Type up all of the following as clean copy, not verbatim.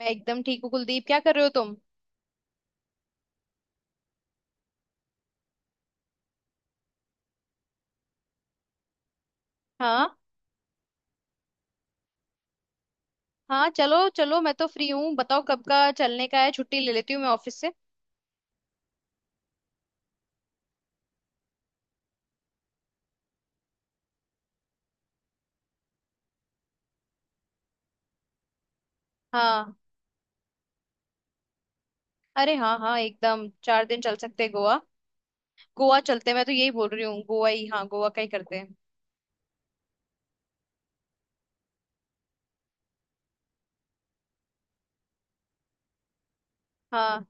मैं एकदम ठीक हूँ कुलदीप। क्या कर रहे हो तुम? हाँ। हाँ, चलो चलो, मैं तो फ्री हूँ। बताओ कब का चलने का है, छुट्टी ले लेती हूँ मैं ऑफिस से। हाँ। अरे हाँ हाँ, एकदम चार दिन चल सकते हैं। गोवा, गोवा चलते हैं, मैं तो यही बोल रही हूँ, गोवा ही, हाँ गोवा का ही करते हैं। हाँ।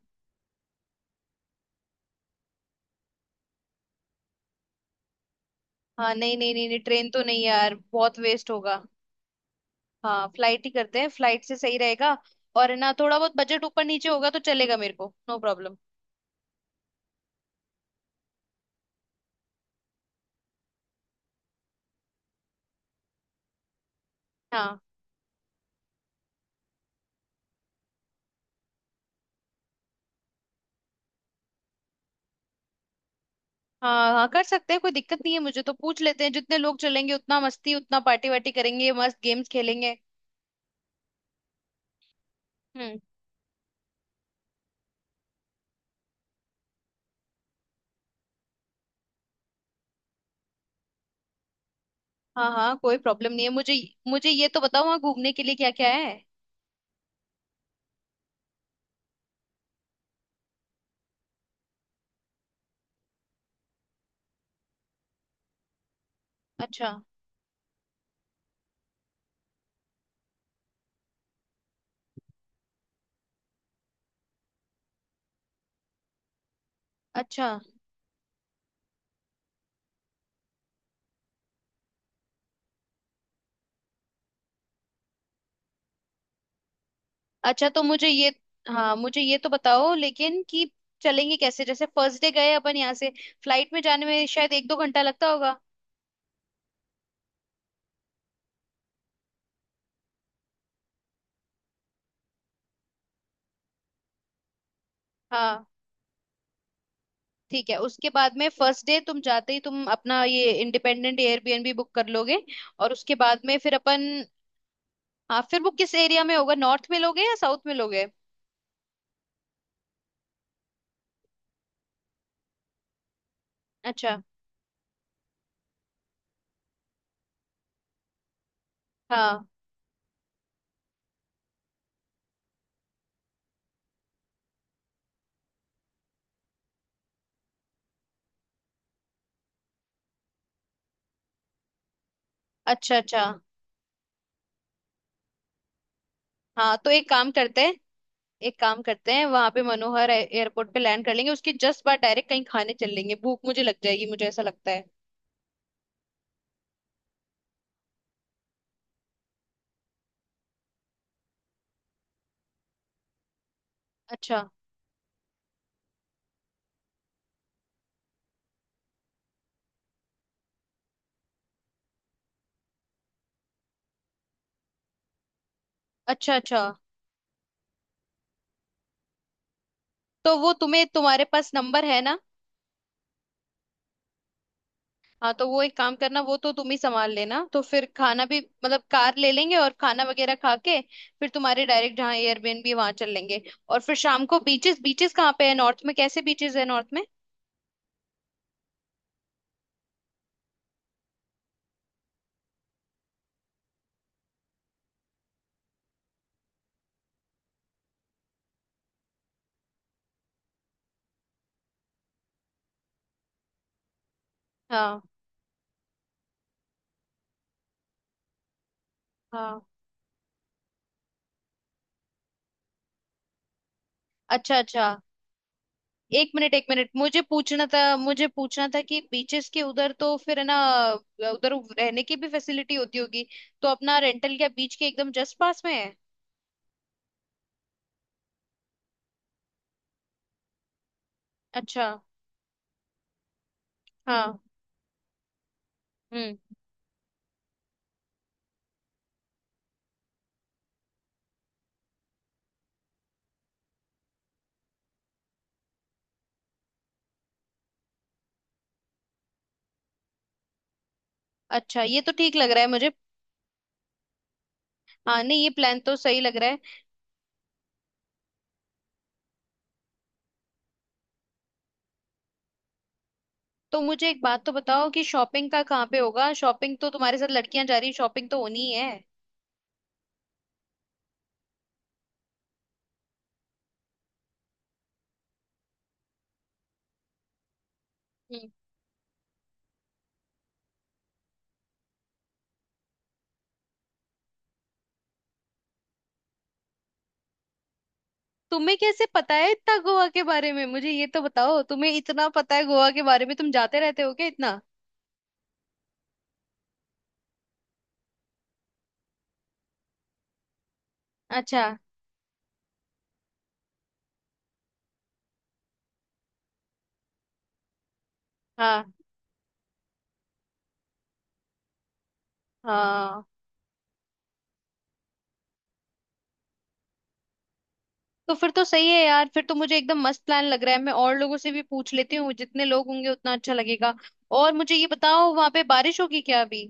हाँ, नहीं नहीं नहीं नहीं, ट्रेन तो नहीं यार, बहुत वेस्ट होगा। हाँ, फ्लाइट ही करते हैं, फ्लाइट से सही रहेगा। और है ना, थोड़ा बहुत बजट ऊपर नीचे होगा तो चलेगा मेरे को, नो प्रॉब्लम। हाँ। हाँ हाँ, कर सकते हैं, कोई दिक्कत नहीं है मुझे, तो पूछ लेते हैं। जितने लोग चलेंगे उतना मस्ती, उतना पार्टी वार्टी करेंगे, मस्त गेम्स खेलेंगे। हम्म। हाँ हाँ, कोई प्रॉब्लम नहीं है मुझे। मुझे ये तो बताओ, वहाँ घूमने के लिए क्या क्या है? अच्छा। अच्छा, अच्छा तो मुझे ये, हाँ मुझे ये तो बताओ लेकिन कि चलेंगे कैसे? जैसे फर्स्ट डे गए अपन यहाँ से, फ्लाइट में जाने में शायद एक दो घंटा लगता होगा। हाँ। ठीक है, उसके बाद में फर्स्ट डे तुम जाते ही तुम अपना ये इंडिपेंडेंट एयरबीएनबी बुक कर लोगे, और उसके बाद में फिर अपन। हाँ, फिर वो किस एरिया में होगा, नॉर्थ में लोगे या साउथ में लोगे? अच्छा। हाँ। अच्छा अच्छा। हाँ, तो एक काम करते हैं। एक काम करते हैं, वहां पे मनोहर एयरपोर्ट पे लैंड कर लेंगे, उसके जस्ट बाद डायरेक्ट कहीं खाने चल लेंगे। भूख मुझे लग जाएगी, मुझे ऐसा लगता है। अच्छा अच्छा। अच्छा, तो वो तुम्हें, तुम्हारे पास नंबर है ना? हाँ, तो वो एक काम करना, वो तो तुम ही संभाल लेना। तो फिर खाना भी, मतलब कार ले लेंगे और खाना वगैरह खा के फिर तुम्हारे डायरेक्ट जहाँ एयरबीएनबी, वहां चल लेंगे। और फिर शाम को बीचेस, बीचेस कहाँ पे है नॉर्थ में? कैसे बीचेस है नॉर्थ में? हाँ। हाँ। अच्छा अच्छा। एक मिनट एक मिनट, मुझे पूछना था, मुझे पूछना था कि बीचेस के उधर तो फिर है ना उधर रहने की भी फैसिलिटी होती होगी, तो अपना रेंटल क्या बीच के एकदम जस्ट पास में है? अच्छा। हाँ। हम्म। अच्छा, ये तो ठीक लग रहा है मुझे। हाँ, नहीं ये प्लान तो सही लग रहा है। तो मुझे एक बात तो बताओ कि शॉपिंग का कहाँ पे होगा? शॉपिंग तो, तुम्हारे साथ लड़कियां जा रही हैं, शॉपिंग तो होनी ही है। हम्म। तुम्हें कैसे पता है इतना गोवा के बारे में? मुझे ये तो बताओ, तुम्हें इतना पता है गोवा के बारे में, तुम जाते रहते हो क्या इतना? अच्छा। हाँ। हाँ, तो फिर तो सही है यार। फिर तो मुझे एकदम मस्त प्लान लग रहा है। मैं और लोगों से भी पूछ लेती हूँ, जितने लोग होंगे उतना अच्छा लगेगा। और मुझे ये बताओ, वहां पे बारिश होगी क्या अभी?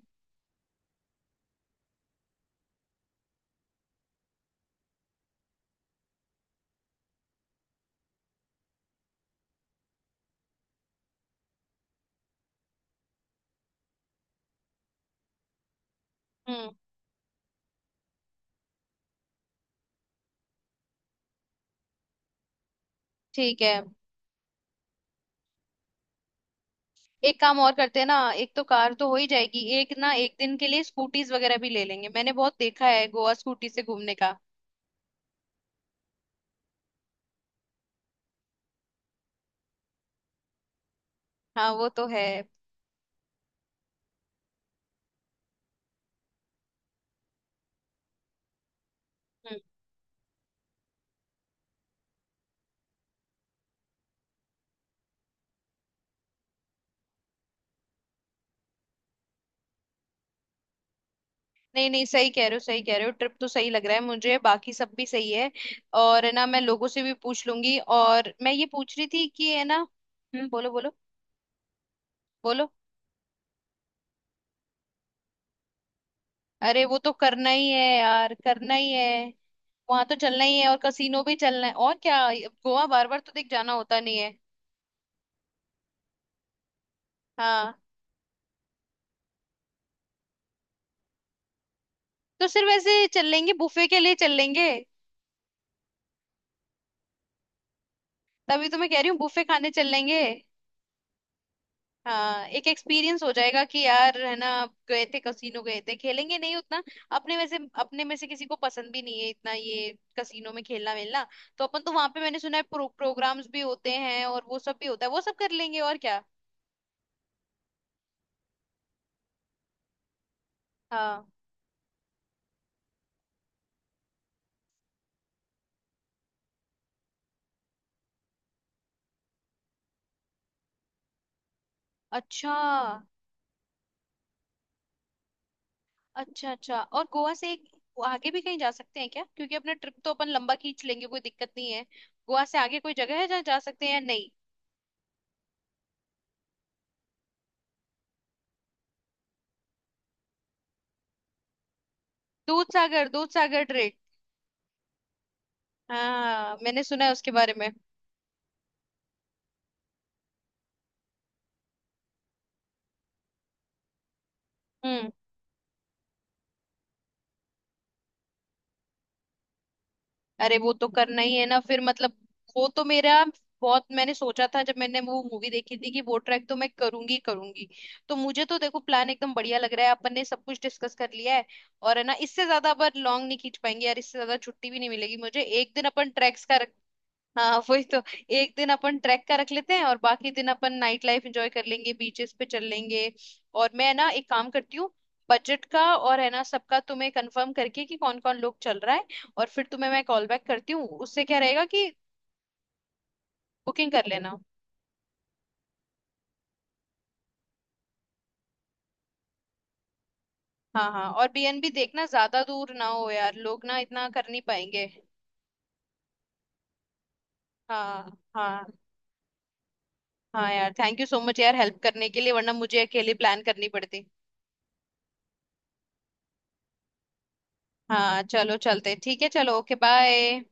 हम्म। ठीक है। एक काम और करते हैं ना, एक तो कार तो हो ही जाएगी, एक ना एक दिन के लिए स्कूटीज वगैरह भी ले लेंगे। मैंने बहुत देखा है गोवा स्कूटी से घूमने का। हाँ, वो तो है। हम्म। नहीं नहीं, सही कह रहे हो सही कह रहे हो, ट्रिप तो सही लग रहा है मुझे, बाकी सब भी सही है। और है ना, मैं लोगों से भी पूछ लूंगी। और मैं ये पूछ रही थी कि है ना। हम्म, बोलो बोलो। बोलो। अरे वो तो करना ही है यार, करना ही है। वहां तो चलना ही है, और कसीनो भी चलना है और क्या। गोवा बार बार तो देख जाना होता नहीं है। हाँ, तो सिर्फ ऐसे चल लेंगे, बुफे के लिए चल लेंगे। तभी तो मैं कह रही हूँ, बुफे खाने चल लेंगे। हाँ, एक एक्सपीरियंस हो जाएगा कि यार है ना, आप गए थे कसीनो, गए थे। खेलेंगे नहीं उतना। अपने में से किसी को पसंद भी नहीं है इतना ये कसीनो में खेलना मिलना। तो अपन तो वहां पे, मैंने सुना है प्रोग्राम्स भी होते हैं और वो सब भी होता है, वो सब कर लेंगे और क्या। हाँ। अच्छा अच्छा। अच्छा, और गोवा से एक आगे भी कहीं जा सकते हैं क्या? क्योंकि अपना ट्रिप तो अपन लंबा खींच लेंगे, कोई दिक्कत नहीं है। गोवा से आगे कोई जगह है जहाँ जा सकते हैं या नहीं? दूध सागर, दूध सागर ट्रेक। हाँ, मैंने सुना है उसके बारे में। हम्म। अरे वो तो करना ही है ना फिर, मतलब वो तो मेरा, बहुत मैंने सोचा था जब मैंने वो मूवी देखी थी कि वो ट्रैक तो मैं करूंगी करूंगी। तो मुझे तो देखो प्लान एकदम बढ़िया लग रहा है। अपन ने सब कुछ डिस्कस कर लिया है। और है ना, इससे ज्यादा अपन लॉन्ग नहीं खींच पाएंगे यार, इससे ज्यादा छुट्टी भी नहीं मिलेगी मुझे। एक दिन अपन ट्रैक्स का। हाँ, वही तो। एक दिन अपन ट्रैक का रख लेते हैं और बाकी दिन अपन नाइट लाइफ एंजॉय कर लेंगे, बीचेस पे चल लेंगे। और मैं ना एक काम करती हूँ, बजट का और है ना, सबका तुम्हें कंफर्म करके कि कौन कौन लोग चल रहा है, और फिर तुम्हें मैं कॉल बैक करती हूँ। उससे क्या रहेगा कि बुकिंग कर लेना। हाँ हाँ, और बीएनबी देखना ज्यादा दूर ना हो यार, लोग ना इतना कर नहीं पाएंगे। हाँ हाँ। हाँ यार, थैंक यू सो मच यार हेल्प करने के लिए, वरना मुझे अकेले प्लान करनी पड़ती। हाँ चलो चलते, ठीक है, चलो ओके बाय।